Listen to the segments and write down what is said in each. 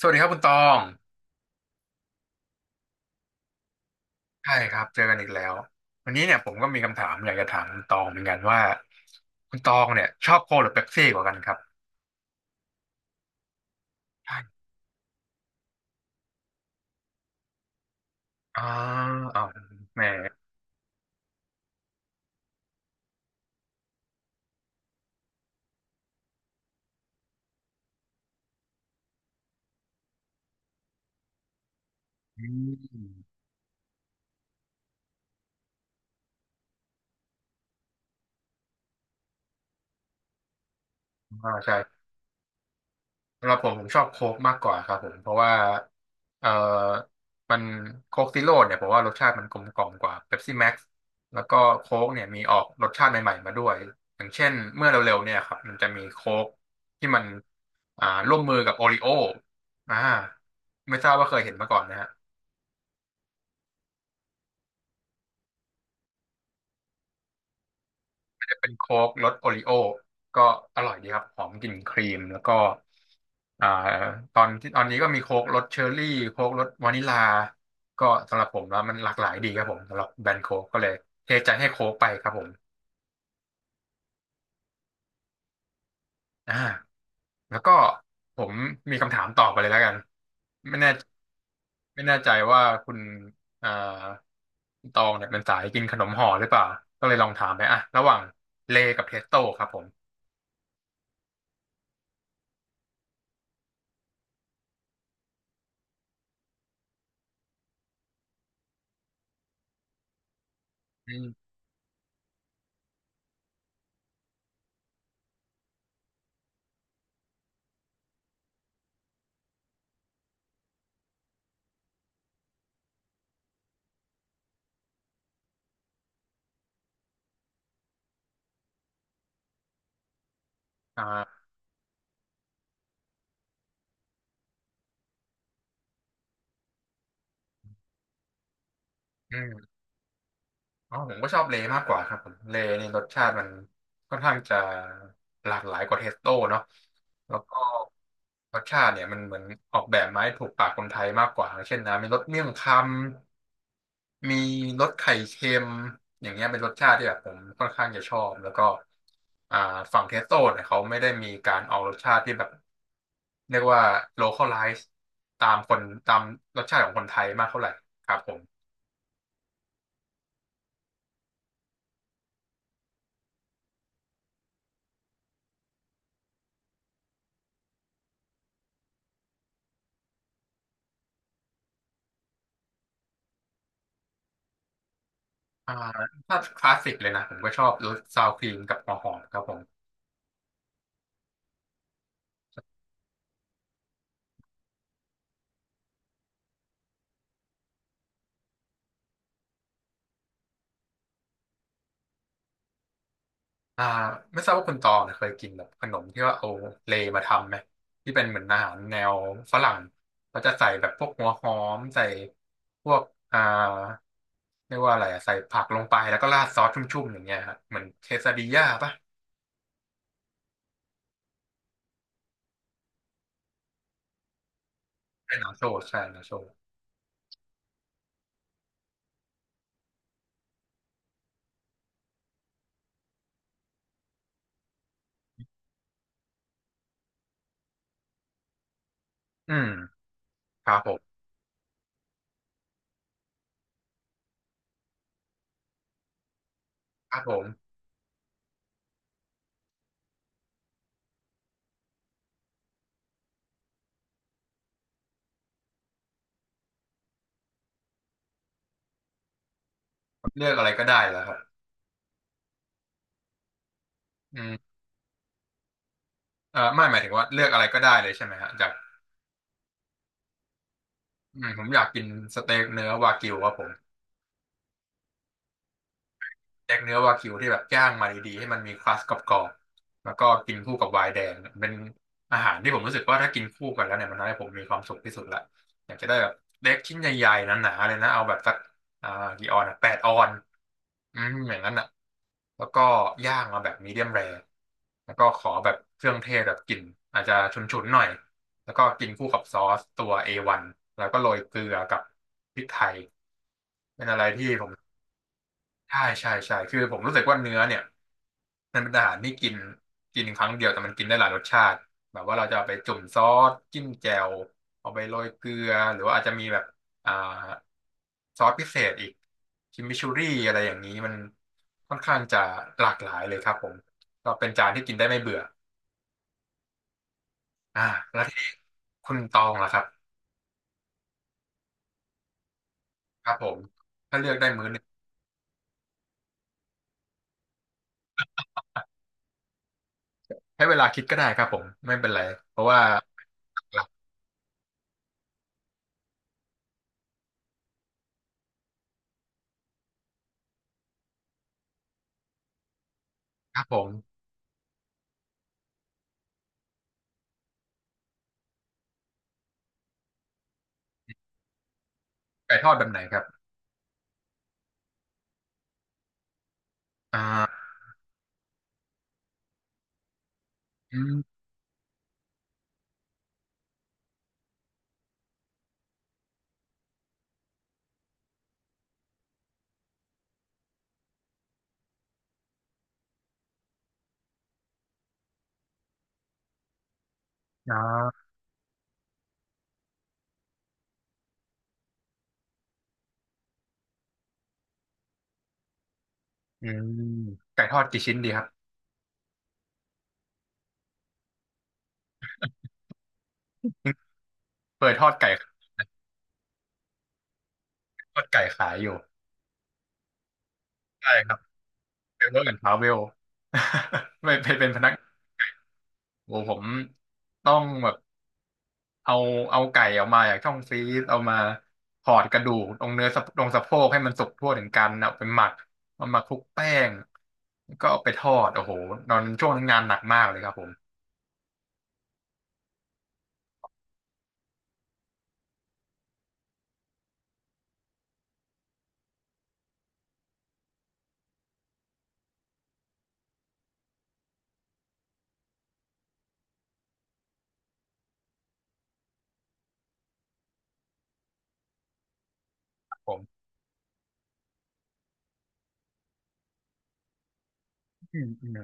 สวัสดีครับคุณตองใช่ครับเจอกันอีกแล้ววันนี้เนี่ยผมก็มีคำถามอยากจะถามคุณตองเหมือนกันว่าคุณตองเนี่ยชอบโค้กหรือเป๊ปซี่กว่ากันครับใช่อ่าอ้าวแหมอืมอ่าใช่ สำหรับผมผมชอบโค้กมากกว่าครับผมเพราะว่าเอ่อมันโค้กซีโร่เนี่ยผมว่ารสชาติมันกลมกล่อมกว่าเ e ปซี่แม็กซ์แล้วก็โค้กเนี่ยมีออกรสชาติใหม่ๆมาด้วยอย่างเช่นเมื่อเร็วๆเนี่ยครับมันจะมีโค้กที่มันร่วมมือกับโอริโออ่าไม่ทราบว่าเคยเห็นมาก่อนนะฮะ เป็นโค้กรสโอริโอก็อร่อยดีครับหอมกลิ่นครีมแล้วก็อ่าตอนนี้ก็มีโค้กรสเชอร์รี่โค้กรสวานิลาก็สำหรับผมแล้วมันหลากหลายดีครับผมสำหรับแบรนด์โค้กก็เลยเทใจให้โค้กไปครับผมอ่าแล้วก็ผมมีคำถามต่อไปเลยแล้วกันไม่แน่ไม่แน่ใจว่าคุณอ่าคุณตองเนี่ยเป็นสายกินขนมห่อหรือเปล่าก็เลยลองถามไปอ่ะระหว่างเลกับเทสโต้ครับผมอืมอ่าอืม อ๋อผมก็ชอบเลย์มากกว่าครับผมเลย์นี่รสชาติมันค่อนข้างจะหลากหลายกว่าเทสโต้เนาะแล้วก็รสชาติเนี่ยมันเหมือนออกแบบมาให้ถูกปากคนไทยมากกว่าอย่างเช่นนะมีรสเมี่ยงคำมีรสไข่เค็มอย่างเงี้ยเป็นรสชาติที่แบบผมค่อนข้างจะชอบแล้วก็อ่าฝั่งเทสโต้เนี่ยเขาไม่ได้มีการเอารสชาติที่แบบเรียกว่า localize ตามตามรสชาติของคนไทยมากเท่าไหร่ครับผม อ่าถ้าคลาสสิกเลยนะผมก็ชอบรสซาวครีมกับหัวหอมครับผมอ่าไม่ทราบว่าคุณตองเนี่ยเคยกินแบบขนมที่ว่าเอาเลย์มาทำไหมที่เป็นเหมือนอาหารแนวฝรั่งเขาจะใส่แบบพวกหัวหอมใส่พวกอ่าเรียกว่าอะไรอะใส่ผักลงไปแล้วก็ราดซอสชุ่มๆอย่างเงี้ยครับเหมือนเคซาดิญ่าปะใช่นาโชใช่นาโชอืมครับผมครับผมเลือกอะไรก็ได้เหรอครับอืมไม่หมายถึงว่าเลือกอะไรก็ได้เลยใช่ไหมฮะจากอืมผมอยากกินสเต็กเนื้อวากิวครับผม แยกเนื้อวากิวที่แบบย่างมาดีๆให้มันมีครัสกรอบๆแล้วก็กินคู่กับไวน์แดงเป็นอาหารที่ผมรู้สึกว่าถ้ากินคู่กันแล้วเนี่ยมันทำให้ผมมีความสุขที่สุดละอยากจะได้แบบเล็กชิ้นใหญ่ๆหนาๆเลยนะเอาแบบสักอ่ากี่ออนอะแปดออนอืมอย่างนั้นอ่ะแล้วก็ย่างมาแบบมีเดียมแรแล้วก็ขอแบบเครื่องเทศแบบกลิ่นอาจจะฉุนๆหน่อยแล้วก็กินคู่กับซอสตัวเอวันแล้วก็โรยเกลือกับพริกไทยเป็นอะไรที่ผมใช่ใช่ใช่คือผมรู้สึกว่าเนื้อเนี่ย มันเป็นอาหารที่กินกินครั้งเดียวแต่มันกินได้หลายรสชาติแบบว่าเราจะเอาไปจุ่มซอสจิ้มแจ่วเอาไปโรยเกลือหรือว่าอาจจะมีแบบอ่าซอสพิเศษอีกคิมมิชูรี่อะไรอย่างนี้มันค่อนข้างจะหลากหลายเลยครับผมก็เป็นจานที่กินได้ไม่เบื่ออ่าแล้วคุณตองล่ะครับครับผมถ้าเลือกได้มื้อหนึงให้เวลาคิดก็ได้ครับผมไม่เป็นไรเพราะว่าหลักๆครับผมไก่ทอดแบบไหนครับอ่าอืมอ่าอืมไก่ทอดกี่ชิ้นดีครับ เคยทอดไก่ทอดไก่ขายอยู่ใช่ครับเป็นเวิร์กแอนด์ทราเวล ไม่ไปเป็นพนักโอ้ผมต้องแบบเอาเอาไก่ออกมาจากช่องฟรีซเอามาถอดกระดูกตรงเนื้อสะตรงสะโพกให้มันสุกทั่วถึงกันเอาไปหมักเอามาคลุกแป้งแล้วก็เอาไปทอดโอ้โหตอนช่วงนั้นงานหนักมากเลยครับผมผมอืมอืม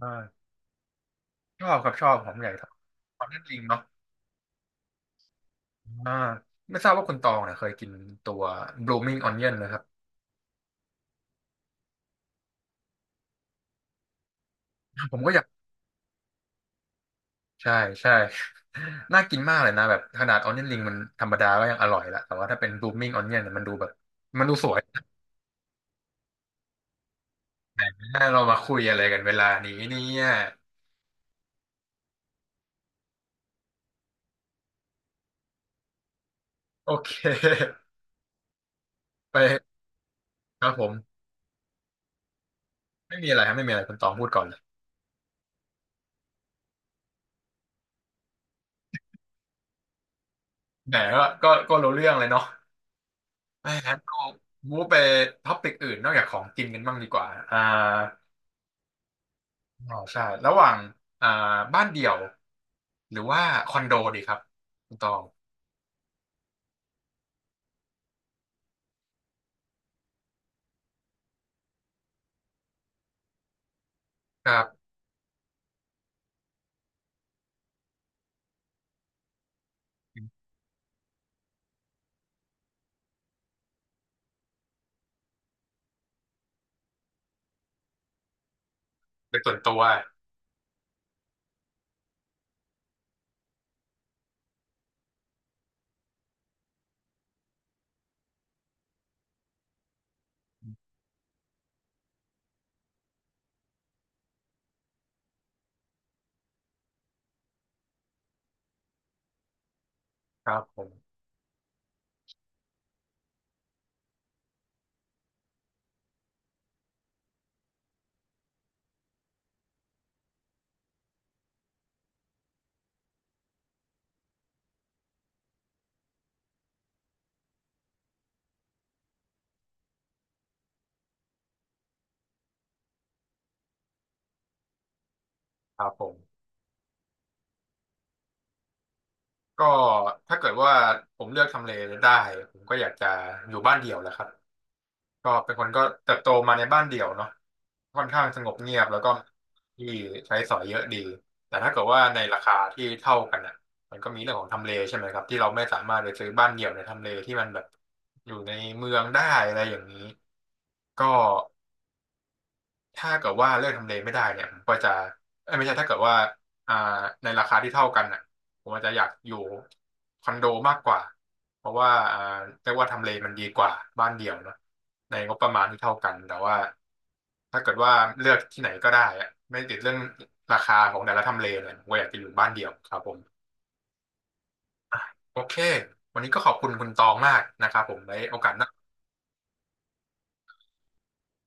อ่าชอบครับชอบผมใหญ่ทอดทอดนั่นลิงเนาะอ่าไม่ทราบว่าคุณตองเนี่ยเคยกินตัว blooming onion นะครับผมก็อยาก ใช่ใช่ น่ากินมากเลยนะแบบขนาดออนเนียนริงมันธรรมดาก็ยังอร่อยละแต่ว่าถ้าเป็นรูมมิ่งออนเนียนเนี่ยมันดูแบบมันดูสวยนะเรามาคุยอะไรกันเวลานี้เนี่ยโอเค ไปครับผมไม่มีอะไรครับไม่มีอะไรคุณตองพูดก่อนเลยแหมก็รู้เรื่องเลยเนาะแม่งั้นก็มูฟไปท็อปิกอื่นนอกจากของกินกันบ้างดีกว่าอ่าอ๋อใช่ระหว่างอ่าบ้านเดี่ยวหรือว่าคอนโดดีครับคุณตองครับเป็นส่วนตัวครับผมครับผม ก็ถ้าเกิดว่าผมเลือกทำเลได้ผมก็อยากจะอยู่บ้านเดี่ยวแหละครับก็เป็นคนก็เติบโตมาในบ้านเดี่ยวเนาะค่อนข้างสงบเงียบแล้วก็ที่ใช้สอยเยอะดีแต่ถ้าเกิดว่าในราคาที่เท่ากันอ่ะมันก็มีเรื่องของทำเลใช่ไหมครับที่เราไม่สามารถไปซื้อบ้านเดี่ยวในทำเลที่มันแบบอยู่ในเมืองได้อะไรอย่างนี้ก็ ถ้าเกิดว่าเลือกทำเลไม่ได้เนี่ยผมก็จะเอ้ยไม่ใช่ถ้าเกิดว่าอ่าในราคาที่เท่ากันน่ะผมอาจจะอยากอยู่คอนโดมากกว่าเพราะว่าเรียกว่าทำเลมันดีกว่าบ้านเดี่ยวเนอะในงบประมาณที่เท่ากันแต่ว่าถ้าเกิดว่าเลือกที่ไหนก็ได้อะไม่ติดเรื่องราคาของแต่ละทำเลเลยผมก็อยากจะอยู่บ้านเดี่ยวครับผมโอเควันนี้ก็ขอบคุณคุณตองมากนะครับผมไว้โอกาสหน้า